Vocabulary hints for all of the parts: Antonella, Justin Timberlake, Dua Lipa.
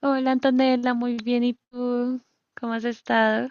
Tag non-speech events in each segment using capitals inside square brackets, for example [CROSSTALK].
Hola Antonella, muy bien. ¿Y tú? ¿Cómo has estado?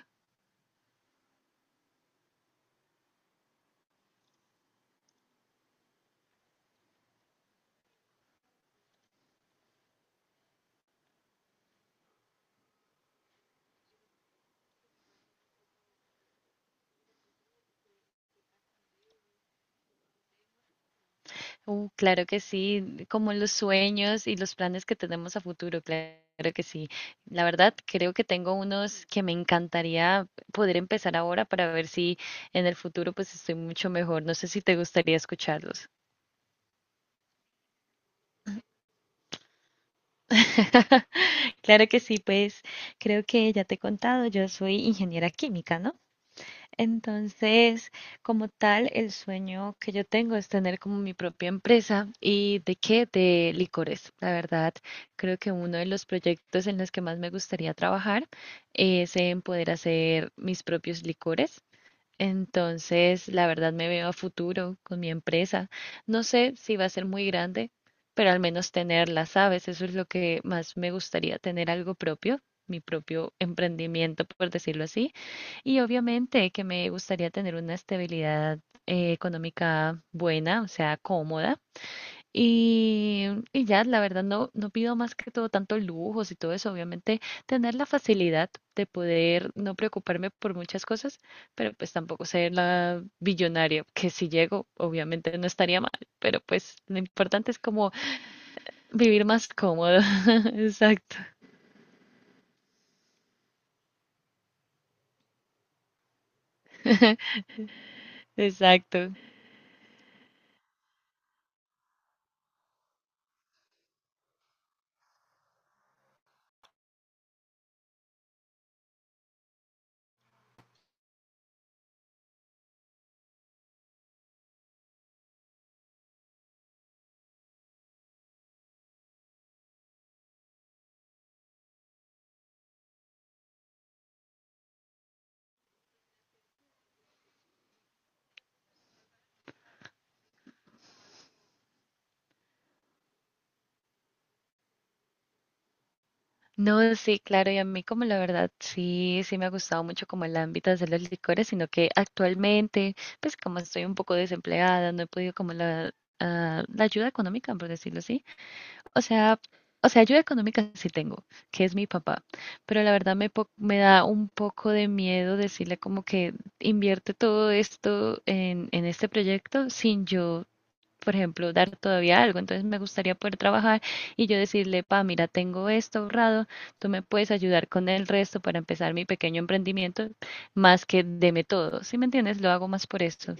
Claro que sí, como los sueños y los planes que tenemos a futuro, claro que sí. La verdad, creo que tengo unos que me encantaría poder empezar ahora para ver si en el futuro pues estoy mucho mejor. No sé si te gustaría escucharlos. [LAUGHS] Claro que sí, pues creo que ya te he contado, yo soy ingeniera química, ¿no? Entonces, como tal, el sueño que yo tengo es tener como mi propia empresa. ¿Y de qué? De licores. La verdad, creo que uno de los proyectos en los que más me gustaría trabajar es en poder hacer mis propios licores. Entonces, la verdad me veo a futuro con mi empresa. No sé si va a ser muy grande, pero al menos tenerla, ¿sabes? Eso es lo que más me gustaría, tener algo propio, mi propio emprendimiento, por decirlo así. Y obviamente que me gustaría tener una estabilidad económica buena, o sea, cómoda. Y, y ya, la verdad, no pido más que todo tanto lujos y todo eso. Obviamente, tener la facilidad de poder no preocuparme por muchas cosas, pero pues tampoco ser la billonaria, que si llego, obviamente no estaría mal, pero pues lo importante es como vivir más cómodo. [LAUGHS] Exacto, [LAUGHS] exacto. No, sí, claro, y a mí como la verdad sí, me ha gustado mucho como el ámbito de hacer los licores, sino que actualmente, pues como estoy un poco desempleada, no he podido como la, ah, la ayuda económica, por decirlo así. O sea, o sea, ayuda económica sí tengo, que es mi papá, pero la verdad me, me da un poco de miedo decirle como que invierte todo esto en este proyecto sin yo por ejemplo, dar todavía algo. Entonces me gustaría poder trabajar y yo decirle, pa, mira, tengo esto ahorrado, tú me puedes ayudar con el resto para empezar mi pequeño emprendimiento, más que deme todo, ¿sí me entiendes? Lo hago más por esto.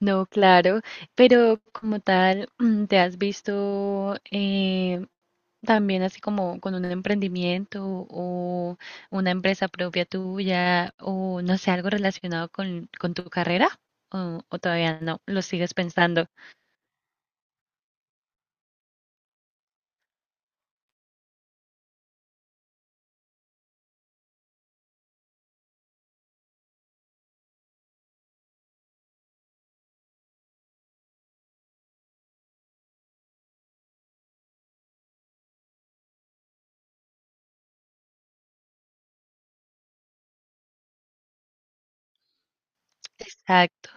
No, claro, pero como tal, ¿te has visto también así como con un emprendimiento o una empresa propia tuya o no sé, algo relacionado con tu carrera? ¿O todavía no? ¿Lo sigues pensando? Exacto.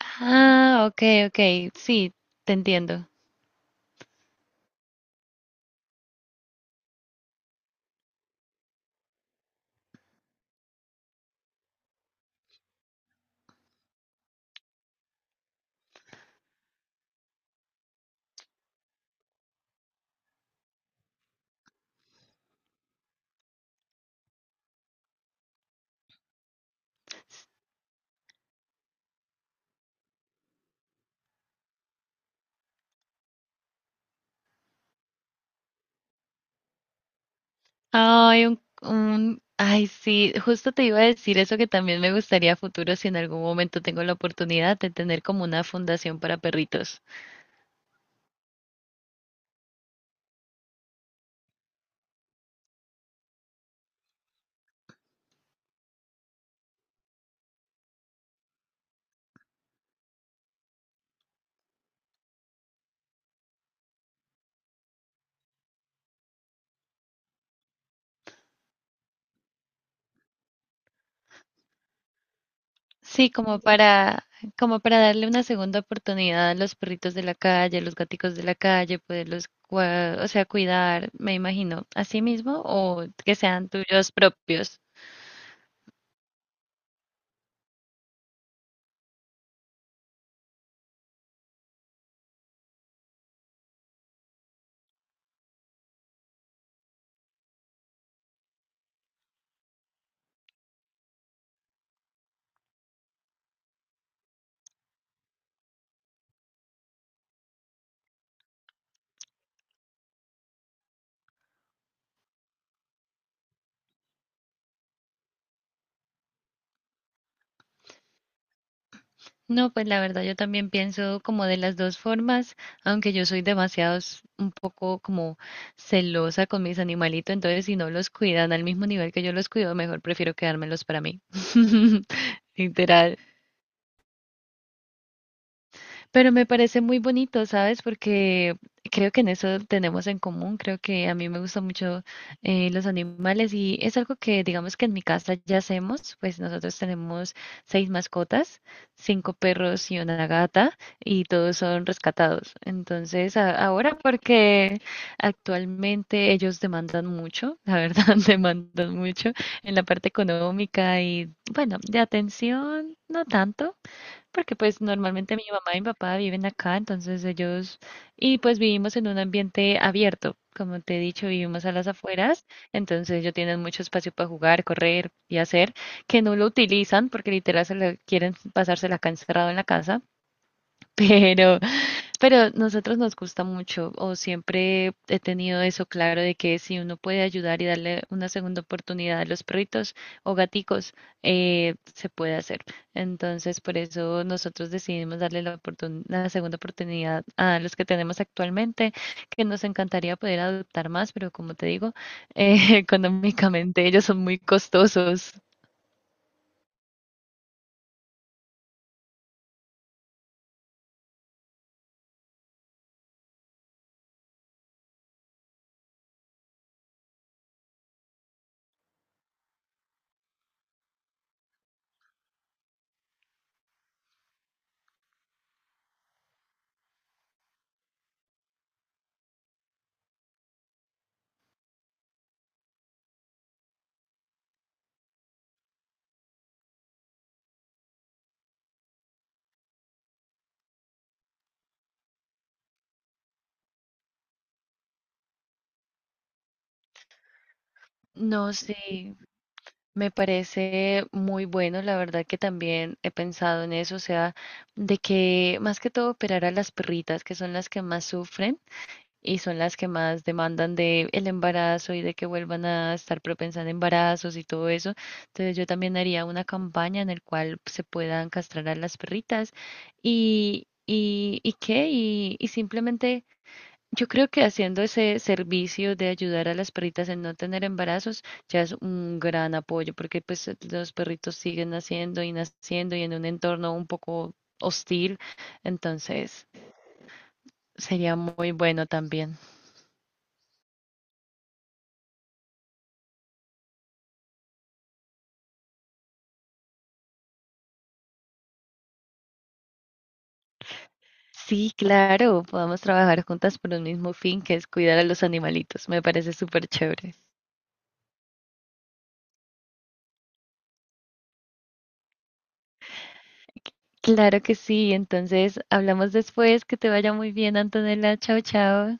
Ah, ok, ok, sí, te entiendo. Ay, sí, justo te iba a decir eso que también me gustaría a futuro si en algún momento tengo la oportunidad de tener como una fundación para perritos. Sí, como para darle una segunda oportunidad a los perritos de la calle, a los gaticos de la calle, poderlos, o sea, cuidar, me imagino, a sí mismo o que sean tuyos propios. No, pues la verdad yo también pienso como de las dos formas, aunque yo soy demasiado un poco como celosa con mis animalitos, entonces si no los cuidan al mismo nivel que yo los cuido, mejor prefiero quedármelos para mí. [LAUGHS] Literal. Pero me parece muy bonito, ¿sabes? Porque creo que en eso tenemos en común. Creo que a mí me gustan mucho los animales y es algo que digamos que en mi casa ya hacemos. Pues nosotros tenemos seis mascotas, cinco perros y una gata y todos son rescatados. Entonces, ahora porque actualmente ellos demandan mucho, la verdad, [LAUGHS] demandan mucho en la parte económica y bueno, de atención, no tanto porque pues normalmente mi mamá y mi papá viven acá, entonces ellos, y pues vivimos en un ambiente abierto, como te he dicho, vivimos a las afueras, entonces ellos tienen mucho espacio para jugar, correr y hacer, que no lo utilizan porque literal quieren pasársela acá encerrado en la casa, [LAUGHS] pero nosotros nos gusta mucho, o siempre he tenido eso claro de que si uno puede ayudar y darle una segunda oportunidad a los perritos o gaticos, se puede hacer. Entonces, por eso nosotros decidimos darle la la segunda oportunidad a los que tenemos actualmente, que nos encantaría poder adoptar más, pero como te digo, [LAUGHS] económicamente ellos son muy costosos. No sé. Me parece muy bueno, la verdad que también he pensado en eso, o sea, de que más que todo operar a las perritas, que son las que más sufren y son las que más demandan de el embarazo y de que vuelvan a estar propensas a embarazos y todo eso. Entonces yo también haría una campaña en el cual se puedan castrar a las perritas y simplemente yo creo que haciendo ese servicio de ayudar a las perritas en no tener embarazos ya es un gran apoyo, porque pues los perritos siguen naciendo y naciendo y en un entorno un poco hostil, entonces sería muy bueno también. Sí, claro, podamos trabajar juntas por un mismo fin, que es cuidar a los animalitos. Me parece súper chévere. Claro que sí, entonces hablamos después, que te vaya muy bien, Antonella. Chao, chao.